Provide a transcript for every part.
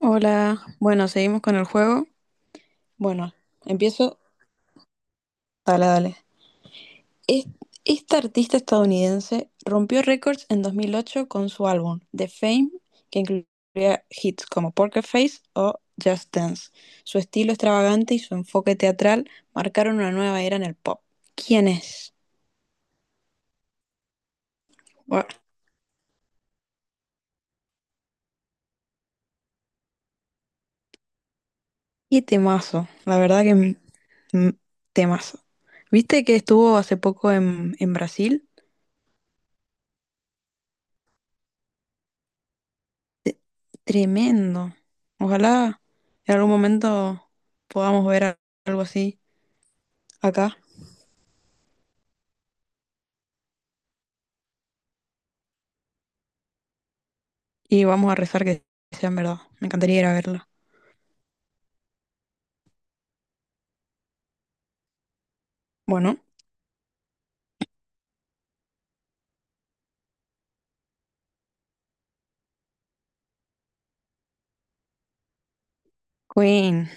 Hola, bueno, seguimos con el juego. Bueno, empiezo. Dale, dale. Es- Esta artista estadounidense rompió récords en 2008 con su álbum The Fame, que incluía hits como Poker Face o Just Dance. Su estilo extravagante y su enfoque teatral marcaron una nueva era en el pop. ¿Quién es? Buah, qué temazo, la verdad que mm, temazo. ¿Viste que estuvo hace poco en Brasil? Tremendo. Ojalá en algún momento podamos ver algo así acá, y vamos a rezar que sean verdad. Me encantaría ir a verla. Bueno, Queen.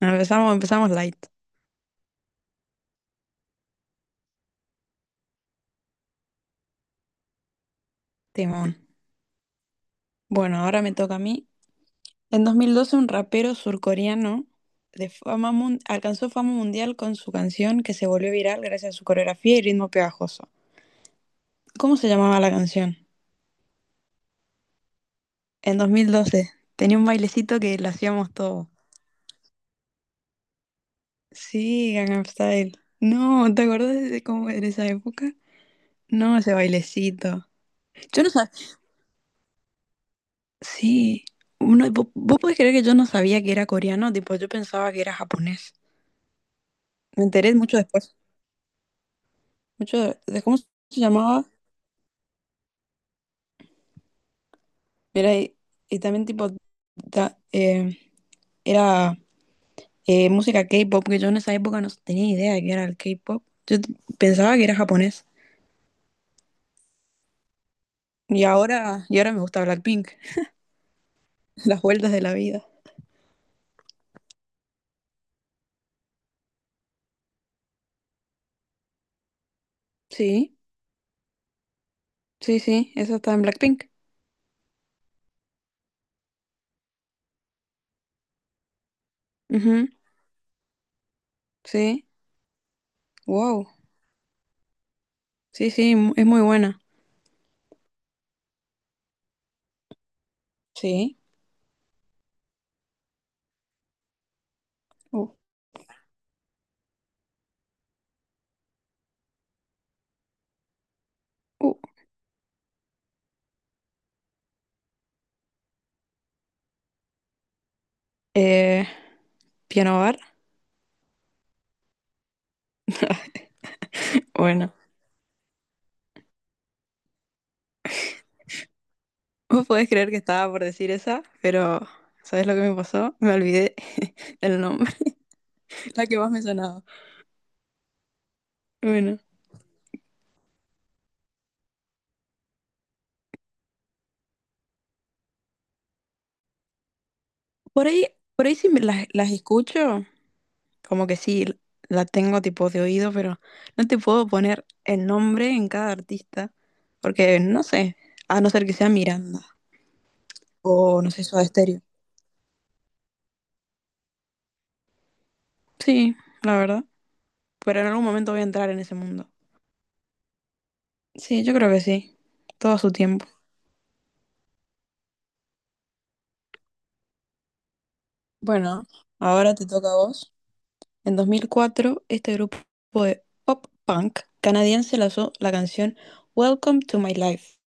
Empezamos, empezamos light. Timón. Bueno, ahora me toca a mí. En 2012 un rapero surcoreano alcanzó fama mundial con su canción que se volvió viral gracias a su coreografía y ritmo pegajoso. ¿Cómo se llamaba la canción? En 2012 tenía un bailecito que lo hacíamos todo. Sí, Gangnam Style. No, ¿te acuerdas de cómo era esa época? No, ese bailecito. Yo no sabía. Sí. Uno, vos, podés creer que yo no sabía que era coreano, tipo, yo pensaba que era japonés. Me enteré mucho después. Mucho de cómo se llamaba. Mira, y también tipo ta- eh, era música K-pop, que yo en esa época no tenía idea de que era el K-pop. Pensaba que era japonés. Y ahora me gusta Blackpink. Las vueltas de la vida. Sí. Sí, sí, esa está en Blackpink. Ujú, sí, wow. Sí, sí, es muy buena. Sí. Uh, uh. Eh, Piano Bar. Bueno, vos podés creer que estaba por decir esa, pero ¿sabes lo que me pasó? Me olvidé el nombre, la que más me sonaba. Bueno, por ahí, por ahí sí me las escucho, como que sí, la tengo tipo de oído, pero no te puedo poner el nombre en cada artista, porque no sé, a no ser que sea Miranda o no sé, Soda Stereo. Sí, la verdad. Pero en algún momento voy a entrar en ese mundo. Sí, yo creo que sí. Todo a su tiempo. Bueno, ahora te toca a vos. En 2004, este grupo de pop punk canadiense lanzó la canción Welcome to My Life,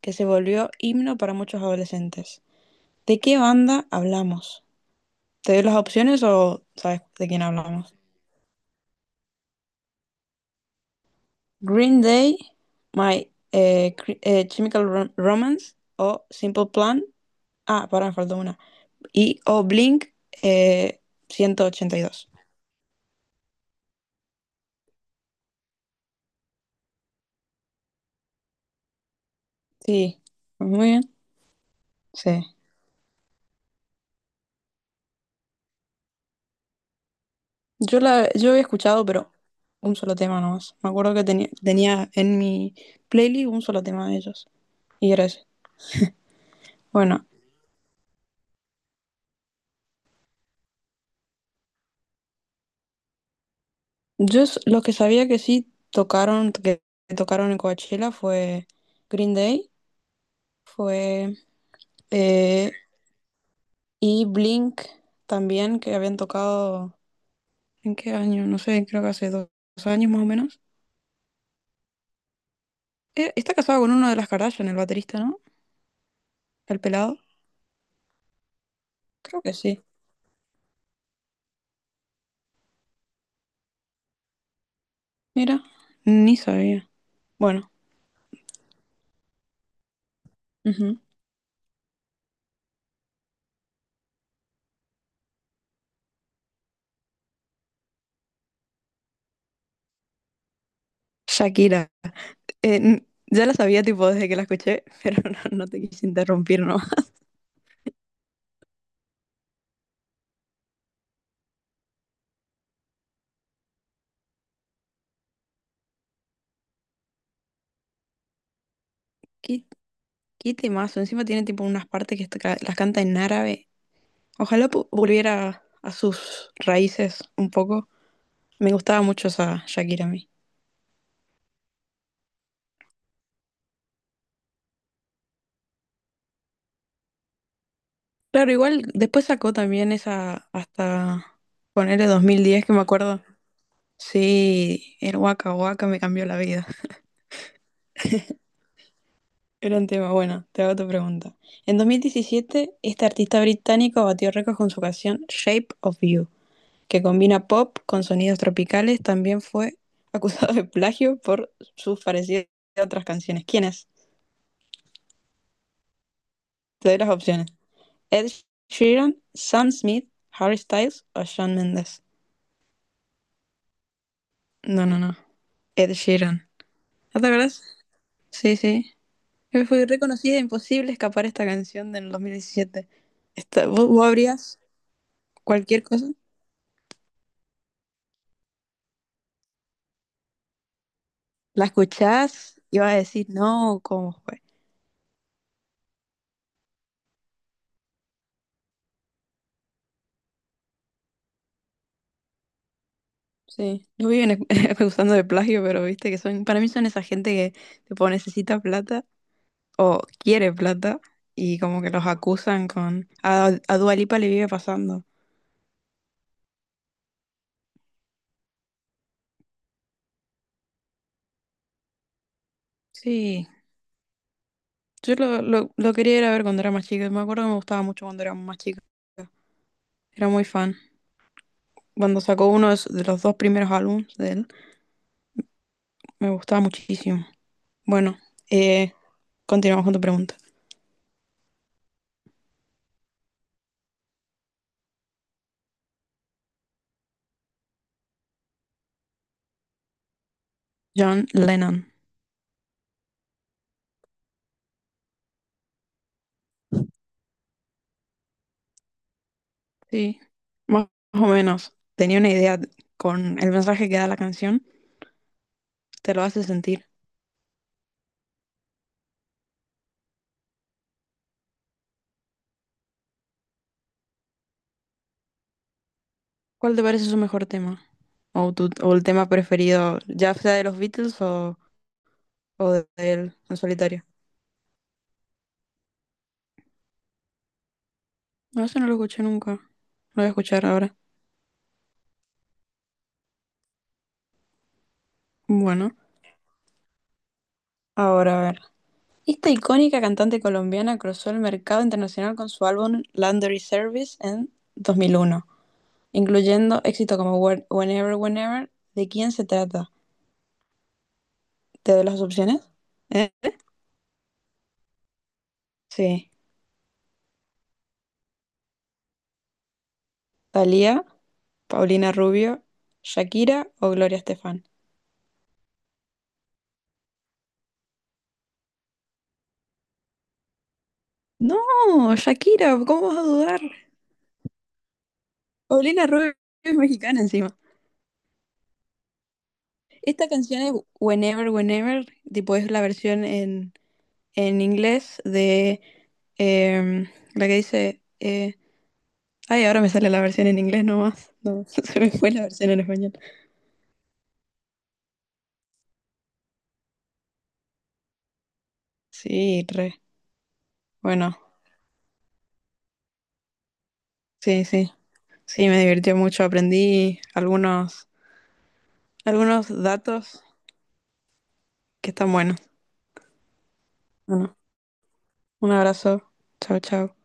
que se volvió himno para muchos adolescentes. ¿De qué banda hablamos? ¿Te doy las opciones o sabes de quién hablamos? Green Day, My Chemical Romance o Simple Plan. Ah, pará, me faltó una. Y Oblink eh, 182. Sí, muy bien. Sí. Yo había escuchado, pero un solo tema nomás. Me acuerdo que tenía en mi playlist un solo tema de ellos. Y era ese. Bueno, los que sabía que sí tocaron, que tocaron en Coachella fue Green Day, fue eh, y Blink también, que habían tocado ¿en qué año? No sé, creo que hace dos años más o menos. Está casado con uno de las Kardashian, el baterista, ¿no? ¿El pelado? Creo que sí. Mira, ni sabía. Bueno, ujú. Shakira. Ya la sabía tipo desde que la escuché, pero no, no te quise interrumpir, ¿no? Qué, qué temazo. Encima tiene tipo unas partes que las canta en árabe. Ojalá volviera a sus raíces un poco. Me gustaba mucho esa Shakira a mí. Claro, igual después sacó también esa hasta ponerle 2010, que me acuerdo. Sí, el Waka Waka me cambió la vida. Gran tema. Bueno, te hago tu pregunta. En 2017, este artista británico batió récords con su canción Shape of You, que combina pop con sonidos tropicales. También fue acusado de plagio por sus parecidas a otras canciones. ¿Quién es? Te doy las opciones. Ed Sheeran, Sam Smith, Harry Styles o Shawn Mendes. No, no, no. Ed Sheeran. ¿No te acuerdas? Sí, sí. Fue reconocida e imposible escapar esta canción del 2017. ¿Vos abrías cualquier cosa? ¿La escuchás? Iba a decir, no, ¿cómo fue? Sí, no viven acusando de plagio, pero viste que son, para mí son esa gente que tipo necesita plata o quiere plata y como que los acusan con, a Dua Lipa le vive pasando. Sí, yo lo quería ir a ver cuando era más chica, me acuerdo que me gustaba mucho cuando era más chica, era muy fan. Cuando sacó uno de los dos primeros álbumes de él, me gustaba muchísimo. Bueno, eh, continuamos con tu pregunta. John Lennon. Sí, más o menos. Tenía una idea con el mensaje que da la canción, te lo hace sentir. ¿Cuál te parece su mejor tema? O el tema preferido, ya sea de los Beatles o de él en solitario. No, eso no lo escuché nunca. Lo voy a escuchar ahora. Bueno, ahora a ver. Esta icónica cantante colombiana cruzó el mercado internacional con su álbum Laundry Service en 2001, incluyendo éxitos como Whenever, Whenever. ¿De quién se trata? ¿Te doy las opciones? Eh, Sí. Thalía, Paulina Rubio, Shakira o Gloria Estefan. No, Shakira, ¿cómo vas a dudar? Paulina Rubio es mexicana encima. Esta canción es Whenever, Whenever, tipo es la versión en inglés de em, la que dice, ay, ahora me sale la versión en inglés nomás. No, se me fue la versión en español. Sí, re. Bueno, sí, sí. Sí, me divirtió mucho. Aprendí algunos datos que están buenos. Bueno. Un abrazo. Chao, chao.